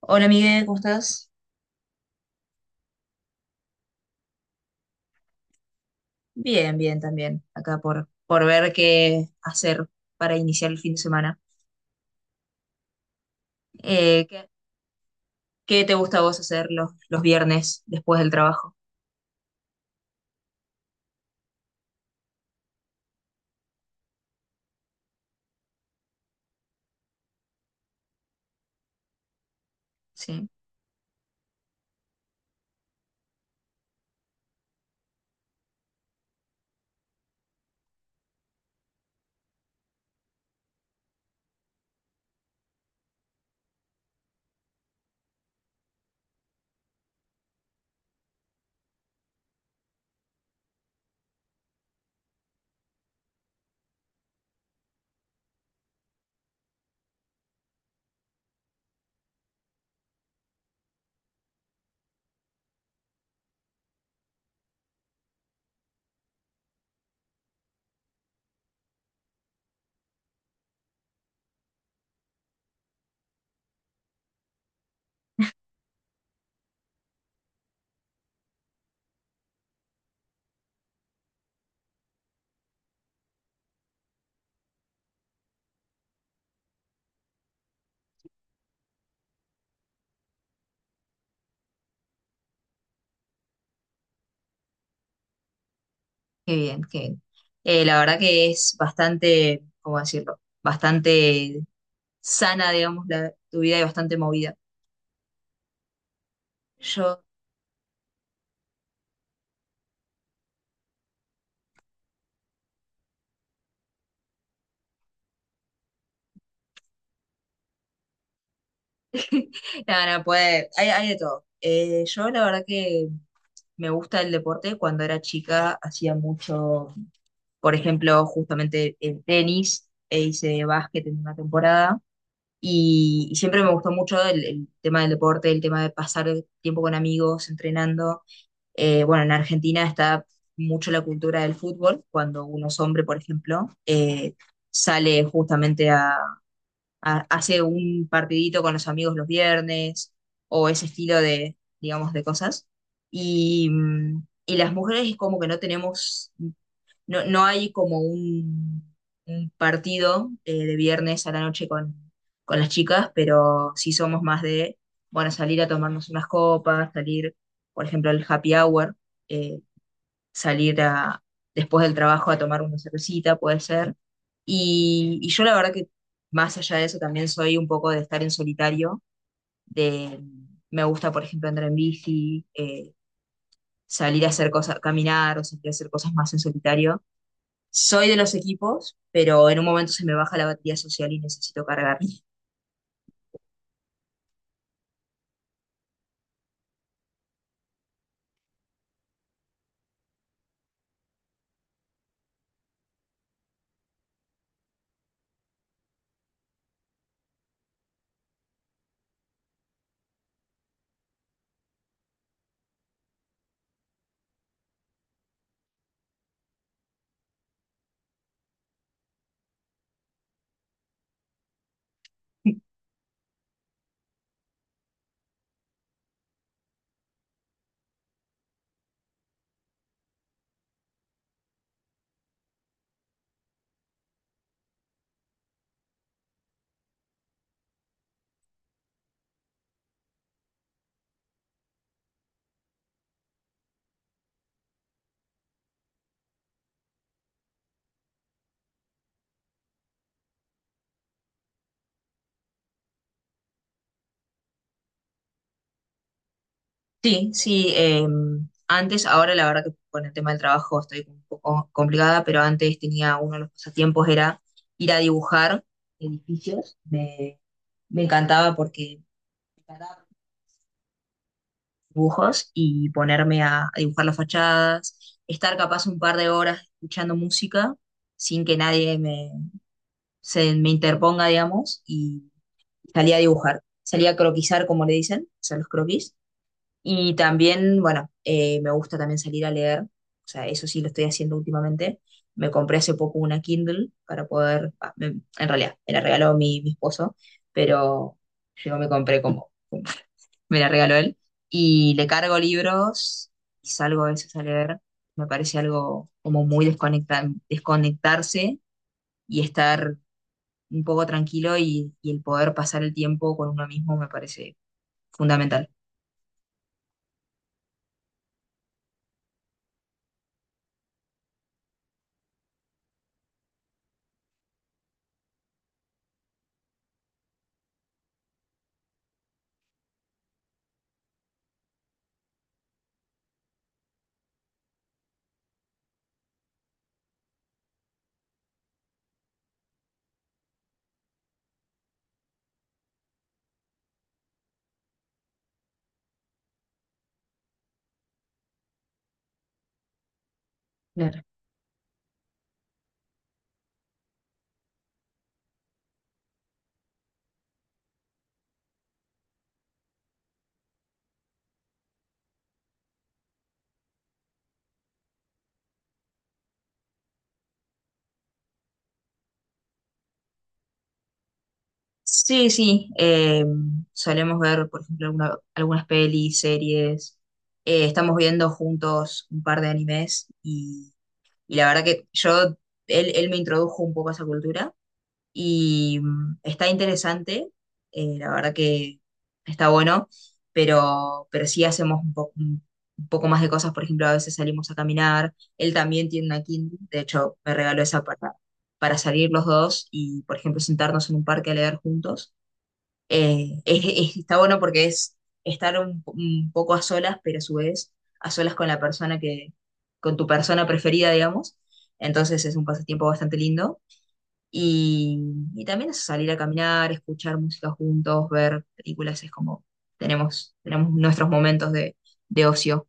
Hola Miguel, ¿cómo estás? Bien, bien también, acá por ver qué hacer para iniciar el fin de semana. Eh, ¿qué, qué te gusta a vos hacer los viernes después del trabajo? Sí, qué bien, qué bien. La verdad que es bastante, ¿cómo decirlo? Bastante sana, digamos, tu vida y bastante movida. Yo, nada, no, puede, hay de todo. Yo la verdad que me gusta el deporte. Cuando era chica hacía mucho, por ejemplo, justamente, en tenis, e hice básquet en una temporada, y siempre me gustó mucho el tema del deporte, el tema de pasar tiempo con amigos, entrenando. Bueno, en Argentina está mucho la cultura del fútbol. Cuando uno es hombre, por ejemplo, sale justamente a hace un partidito con los amigos los viernes o ese estilo de, digamos, de cosas. Y las mujeres es como que no tenemos, no hay como un partido, de viernes a la noche con las chicas, pero sí somos más de, bueno, salir a tomarnos unas copas, salir, por ejemplo, al happy hour, eh, salir a, después del trabajo, a tomar una cervecita, puede ser. Y yo la verdad que, más allá de eso, también soy un poco de estar en solitario. De, me gusta, por ejemplo, andar en bici. Salir a hacer cosas, caminar, o salir a hacer cosas más en solitario. Soy de los equipos, pero en un momento se me baja la batería social y necesito cargar. Sí, sí, antes, ahora la verdad que con el tema del trabajo estoy un poco complicada, pero antes tenía, uno de los pasatiempos era ir a dibujar edificios. Me encantaba, porque me encantaba dibujos, y ponerme a dibujar las fachadas, estar capaz un par de horas escuchando música sin que nadie se me interponga, digamos, y salí a dibujar, salí a croquisar, como le dicen, o sea, los croquis. Y también, bueno, me gusta también salir a leer, o sea, eso sí lo estoy haciendo últimamente. Me compré hace poco una Kindle para poder, ah, en realidad, me la regaló mi esposo, pero yo me compré como, como me la regaló él. Y le cargo libros y salgo a veces a leer. Me parece algo como muy desconectarse y estar un poco tranquilo, y el poder pasar el tiempo con uno mismo me parece fundamental. Claro. Sí, sí, solemos ver, por ejemplo, algunas pelis, series. Estamos viendo juntos un par de animes y la verdad que yo, él me introdujo un poco a esa cultura y, mm, está interesante. La verdad que está bueno, pero sí hacemos un poco más de cosas. Por ejemplo, a veces salimos a caminar. Él también tiene una Kindle, de hecho me regaló esa para salir los dos y, por ejemplo, sentarnos en un parque a leer juntos. Eh, es- está bueno porque es estar un poco a solas, pero a su vez a solas con la persona con tu persona preferida, digamos. Entonces es un pasatiempo bastante lindo. Y, y también eso, salir a caminar, escuchar música juntos, ver películas. Es como, tenemos, tenemos nuestros momentos de ocio.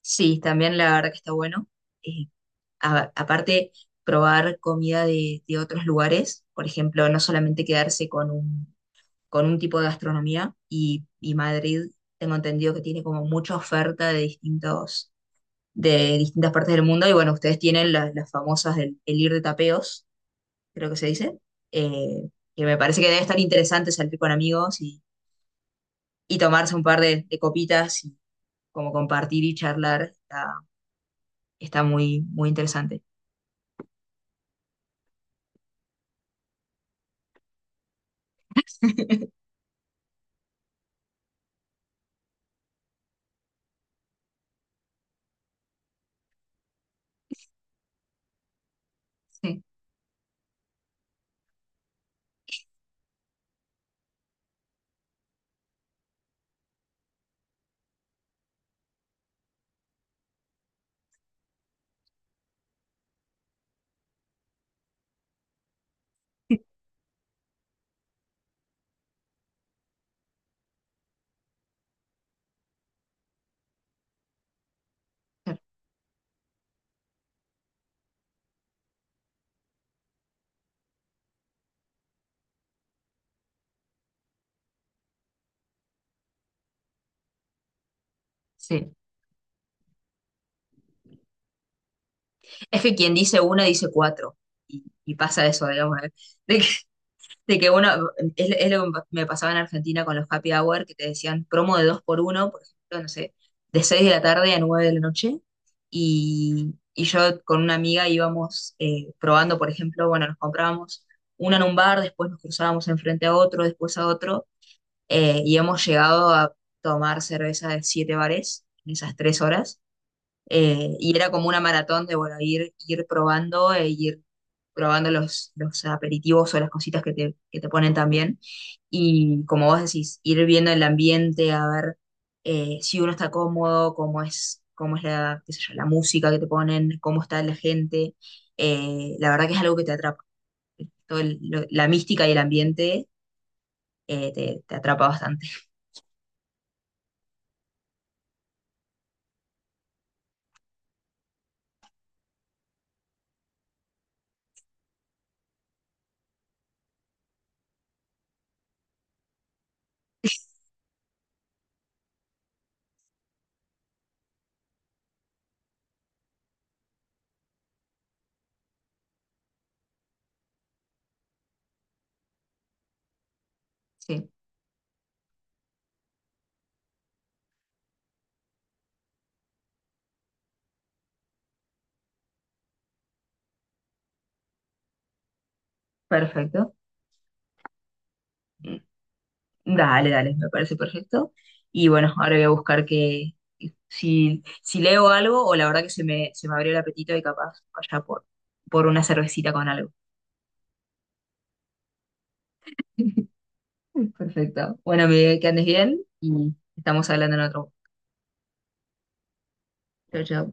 Sí, también la verdad que está bueno. Eh, Aparte, probar comida de otros lugares, por ejemplo, no solamente quedarse con un tipo de gastronomía. Y, y Madrid, tengo entendido que tiene como mucha oferta de distintos, de distintas partes del mundo. Y bueno, ustedes tienen las famosas del el ir de tapeos, creo que se dice, eh, que me parece que debe estar interesante salir con amigos y tomarse un par de copitas, y como compartir y charlar. Está, está muy, muy interesante. Sí, claro, sí. Es que quien dice una dice cuatro y pasa eso, digamos, ¿eh? de De que uno, es lo que me pasaba en Argentina con los happy hour, que te decían promo de 2x1, por ejemplo, no sé, de 6 de la tarde a 9 de la noche. Y yo con una amiga íbamos, probando, por ejemplo, bueno, nos comprábamos una en un bar, después nos cruzábamos enfrente a otro, después a otro, y hemos llegado a tomar cerveza de 7 bares en esas 3 horas. Y era como una maratón de, bueno, ir probando, e ir probando los aperitivos o las cositas que te ponen también. Y como vos decís, ir viendo el ambiente, a ver, si uno está cómodo, cómo es la, qué sé yo, la música que te ponen, cómo está la gente. La verdad que es algo que te atrapa. La mística y el ambiente, te, te atrapa bastante. Sí, perfecto. Dale, dale, me parece perfecto. Y bueno, ahora voy a buscar que, si, si leo algo, o la verdad que se me abrió el apetito y capaz vaya por una cervecita con algo. Perfecto. Bueno, Miguel, que andes bien y estamos hablando en otro. Chao, chao.